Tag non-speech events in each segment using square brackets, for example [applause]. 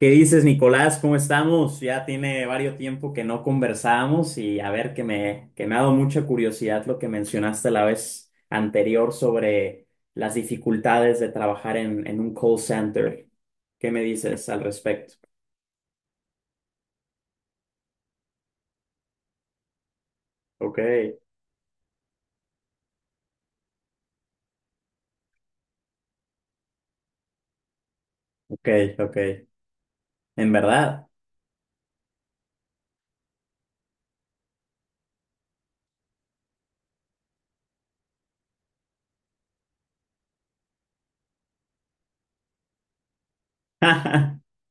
¿Qué dices, Nicolás? ¿Cómo estamos? Ya tiene varios tiempo que no conversamos y a ver que me ha dado mucha curiosidad lo que mencionaste la vez anterior sobre las dificultades de trabajar en un call center. ¿Qué me dices al respecto? Ok, ok, ok. ¿En verdad? [laughs]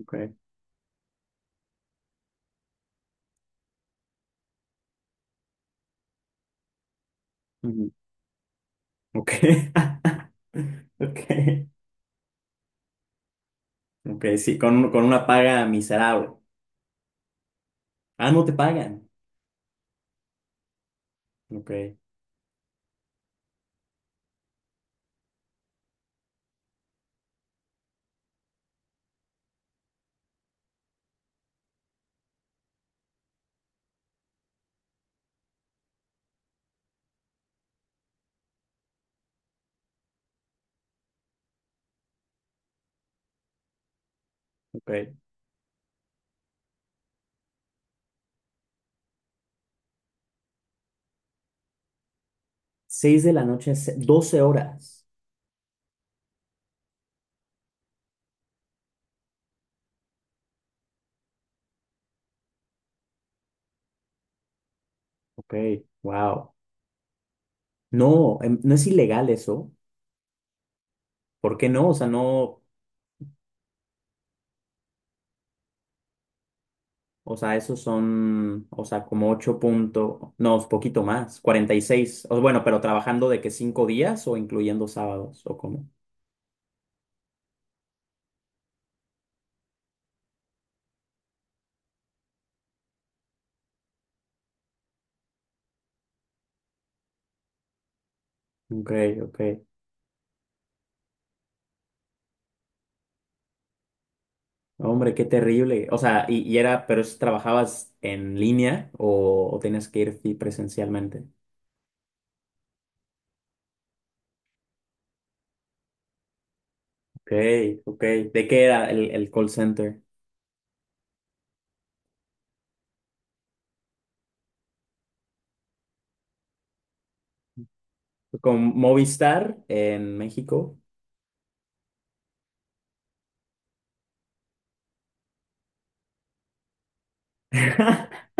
Ok, ujú, ok, [laughs] ok, ok, sí, con una paga miserable. Ah, no te pagan. Ok, ok. Seis de la noche, 12 horas. Ok, wow. No, no es ilegal eso. ¿Por qué no? O sea, no, o sea, esos son, o sea, como ocho puntos, no, es poquito más, 46. O, bueno, pero trabajando de que cinco días o incluyendo sábados o cómo. Ok, ok. Hombre, qué terrible. O sea, y era, pero ¿trabajabas en línea o tenías que ir presencialmente? Ok, ok. ¿De qué era el call center? Con Movistar en México. [laughs]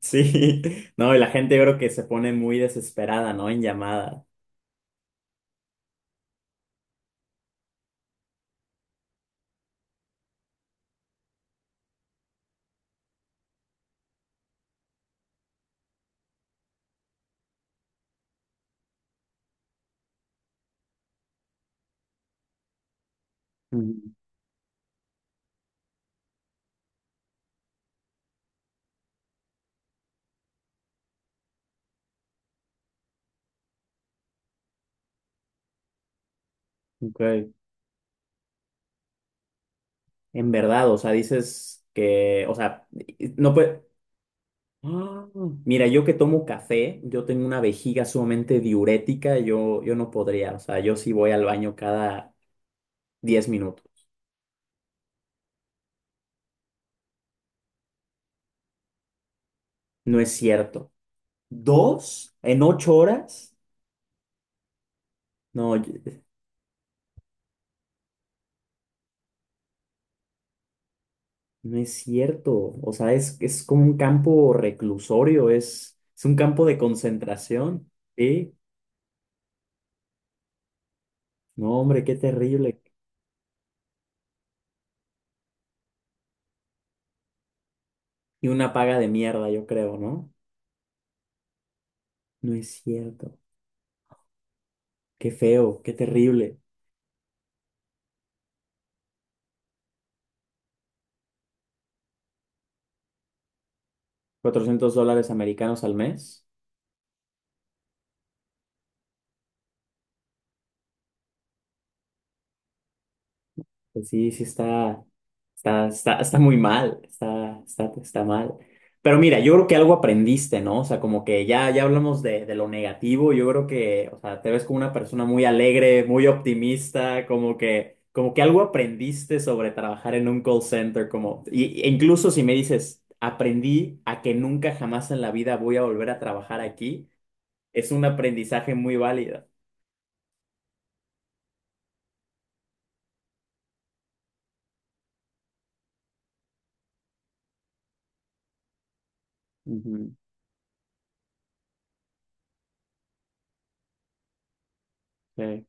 Sí, no, y la gente yo creo que se pone muy desesperada, ¿no? En llamada. Mm, ok. En verdad, o sea, dices que, o sea, no puede... ¡Ah! Mira, yo que tomo café, yo tengo una vejiga sumamente diurética, yo no podría, o sea, yo sí voy al baño cada 10 minutos. No es cierto. ¿Dos en 8 horas? No, no es cierto. O sea, es como un campo reclusorio, es un campo de concentración. ¿Sí? No, hombre, qué terrible. Y una paga de mierda, yo creo, ¿no? No es cierto. Qué feo, qué terrible. $400 americanos al mes. Pues sí, sí está, está, está, está muy mal, está, está, está mal. Pero mira, yo creo que algo aprendiste, ¿no? O sea, como que ya, ya hablamos de lo negativo, yo creo que, o sea, te ves como una persona muy alegre, muy optimista, como que algo aprendiste sobre trabajar en un call center, como, y, e incluso si me dices, aprendí a que nunca jamás en la vida voy a volver a trabajar aquí, es un aprendizaje muy válido. Ujú, sí.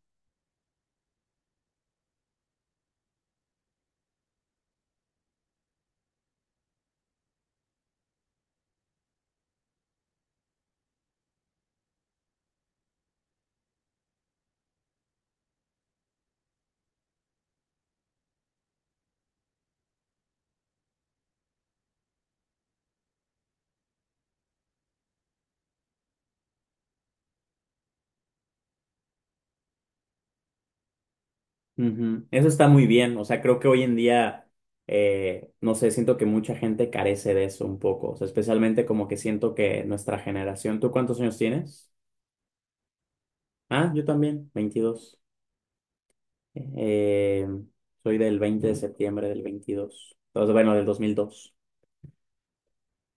Ujú. Eso está muy bien, o sea, creo que hoy en día, no sé, siento que mucha gente carece de eso un poco, o sea, especialmente como que siento que nuestra generación, ¿tú cuántos años tienes? Ah, yo también, 22. Eh, soy del 20 de septiembre del 22 entonces, bueno, del 2002.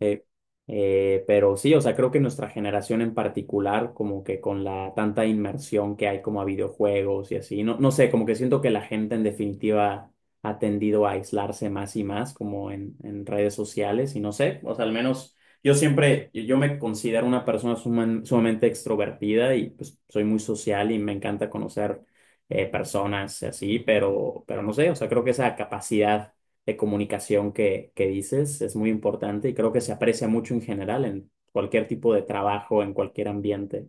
Eh, pero sí, o sea, creo que nuestra generación en particular, como que con la tanta inmersión que hay como a videojuegos y así, no, no sé, como que siento que la gente en definitiva ha tendido a aislarse más y más como en redes sociales y no sé, o sea, al menos yo siempre, yo me considero una persona sumamente extrovertida y pues soy muy social y me encanta conocer personas y así, pero no sé, o sea, creo que esa capacidad de comunicación que dices es muy importante y creo que se aprecia mucho en general en cualquier tipo de trabajo, en cualquier ambiente.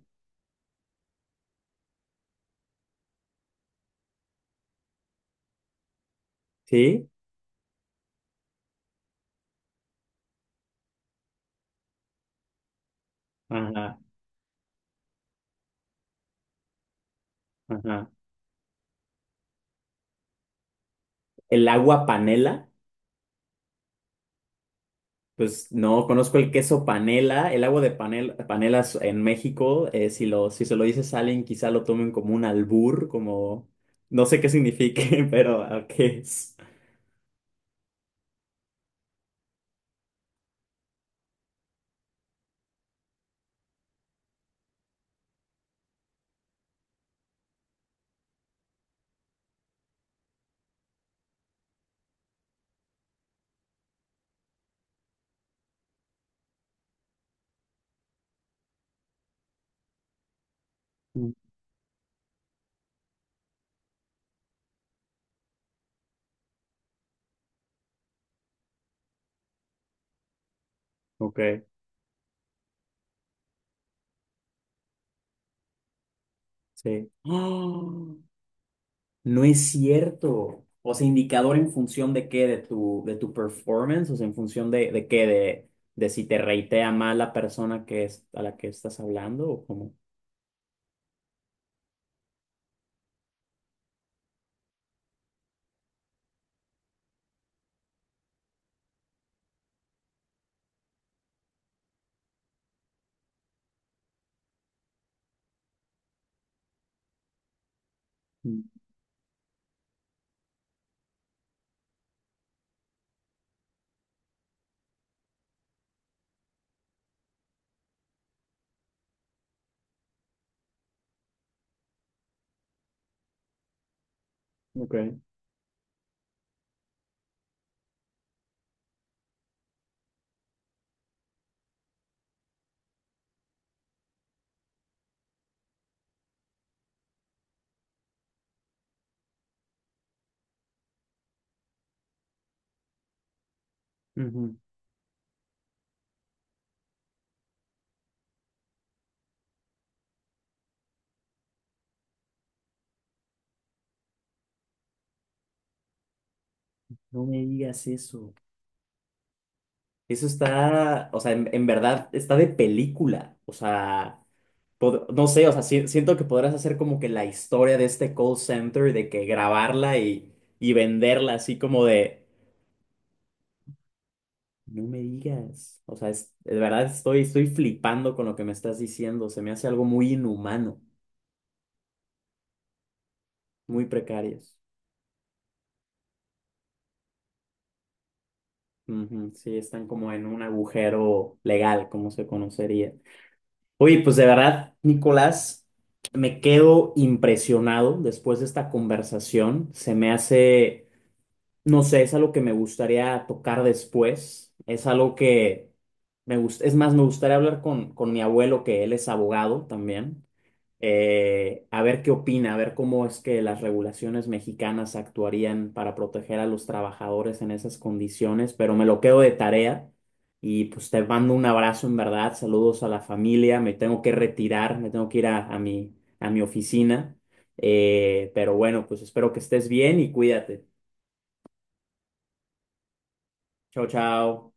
¿Sí? Ajá, ajá. El agua panela, pues no conozco el queso panela. El agua de panel, panelas en México, si lo, si se lo dices a alguien, quizá lo tomen como un albur, como no sé qué signifique, [laughs] pero ¿a qué es? Mm, ok, sí. [gasps] No es cierto. O sea, indicador en función de qué, de tu performance, o sea, en función de qué, de si te reitea mal la persona que es, a la que estás hablando o cómo. Mm, ok. Ujú. No me digas eso. Eso está, o sea, en verdad está de película. O sea, no sé, o sea, siento que podrás hacer como que la historia de este call center, de que grabarla y venderla así como de... No me digas. O sea, de verdad estoy, estoy flipando con lo que me estás diciendo. Se me hace algo muy inhumano, muy precarios. Ujú, sí, están como en un agujero legal, como se conocería. Oye, pues de verdad, Nicolás, me quedo impresionado después de esta conversación. Se me hace no sé, es algo que me gustaría tocar después. Es algo que me gusta. Es más, me gustaría hablar con mi abuelo, que él es abogado también, a ver qué opina, a ver cómo es que las regulaciones mexicanas actuarían para proteger a los trabajadores en esas condiciones, pero me lo quedo de tarea. Y pues te mando un abrazo en verdad, saludos a la familia, me tengo que retirar, me tengo que ir a mi oficina. Pero bueno, pues espero que estés bien y cuídate. Chao, chao.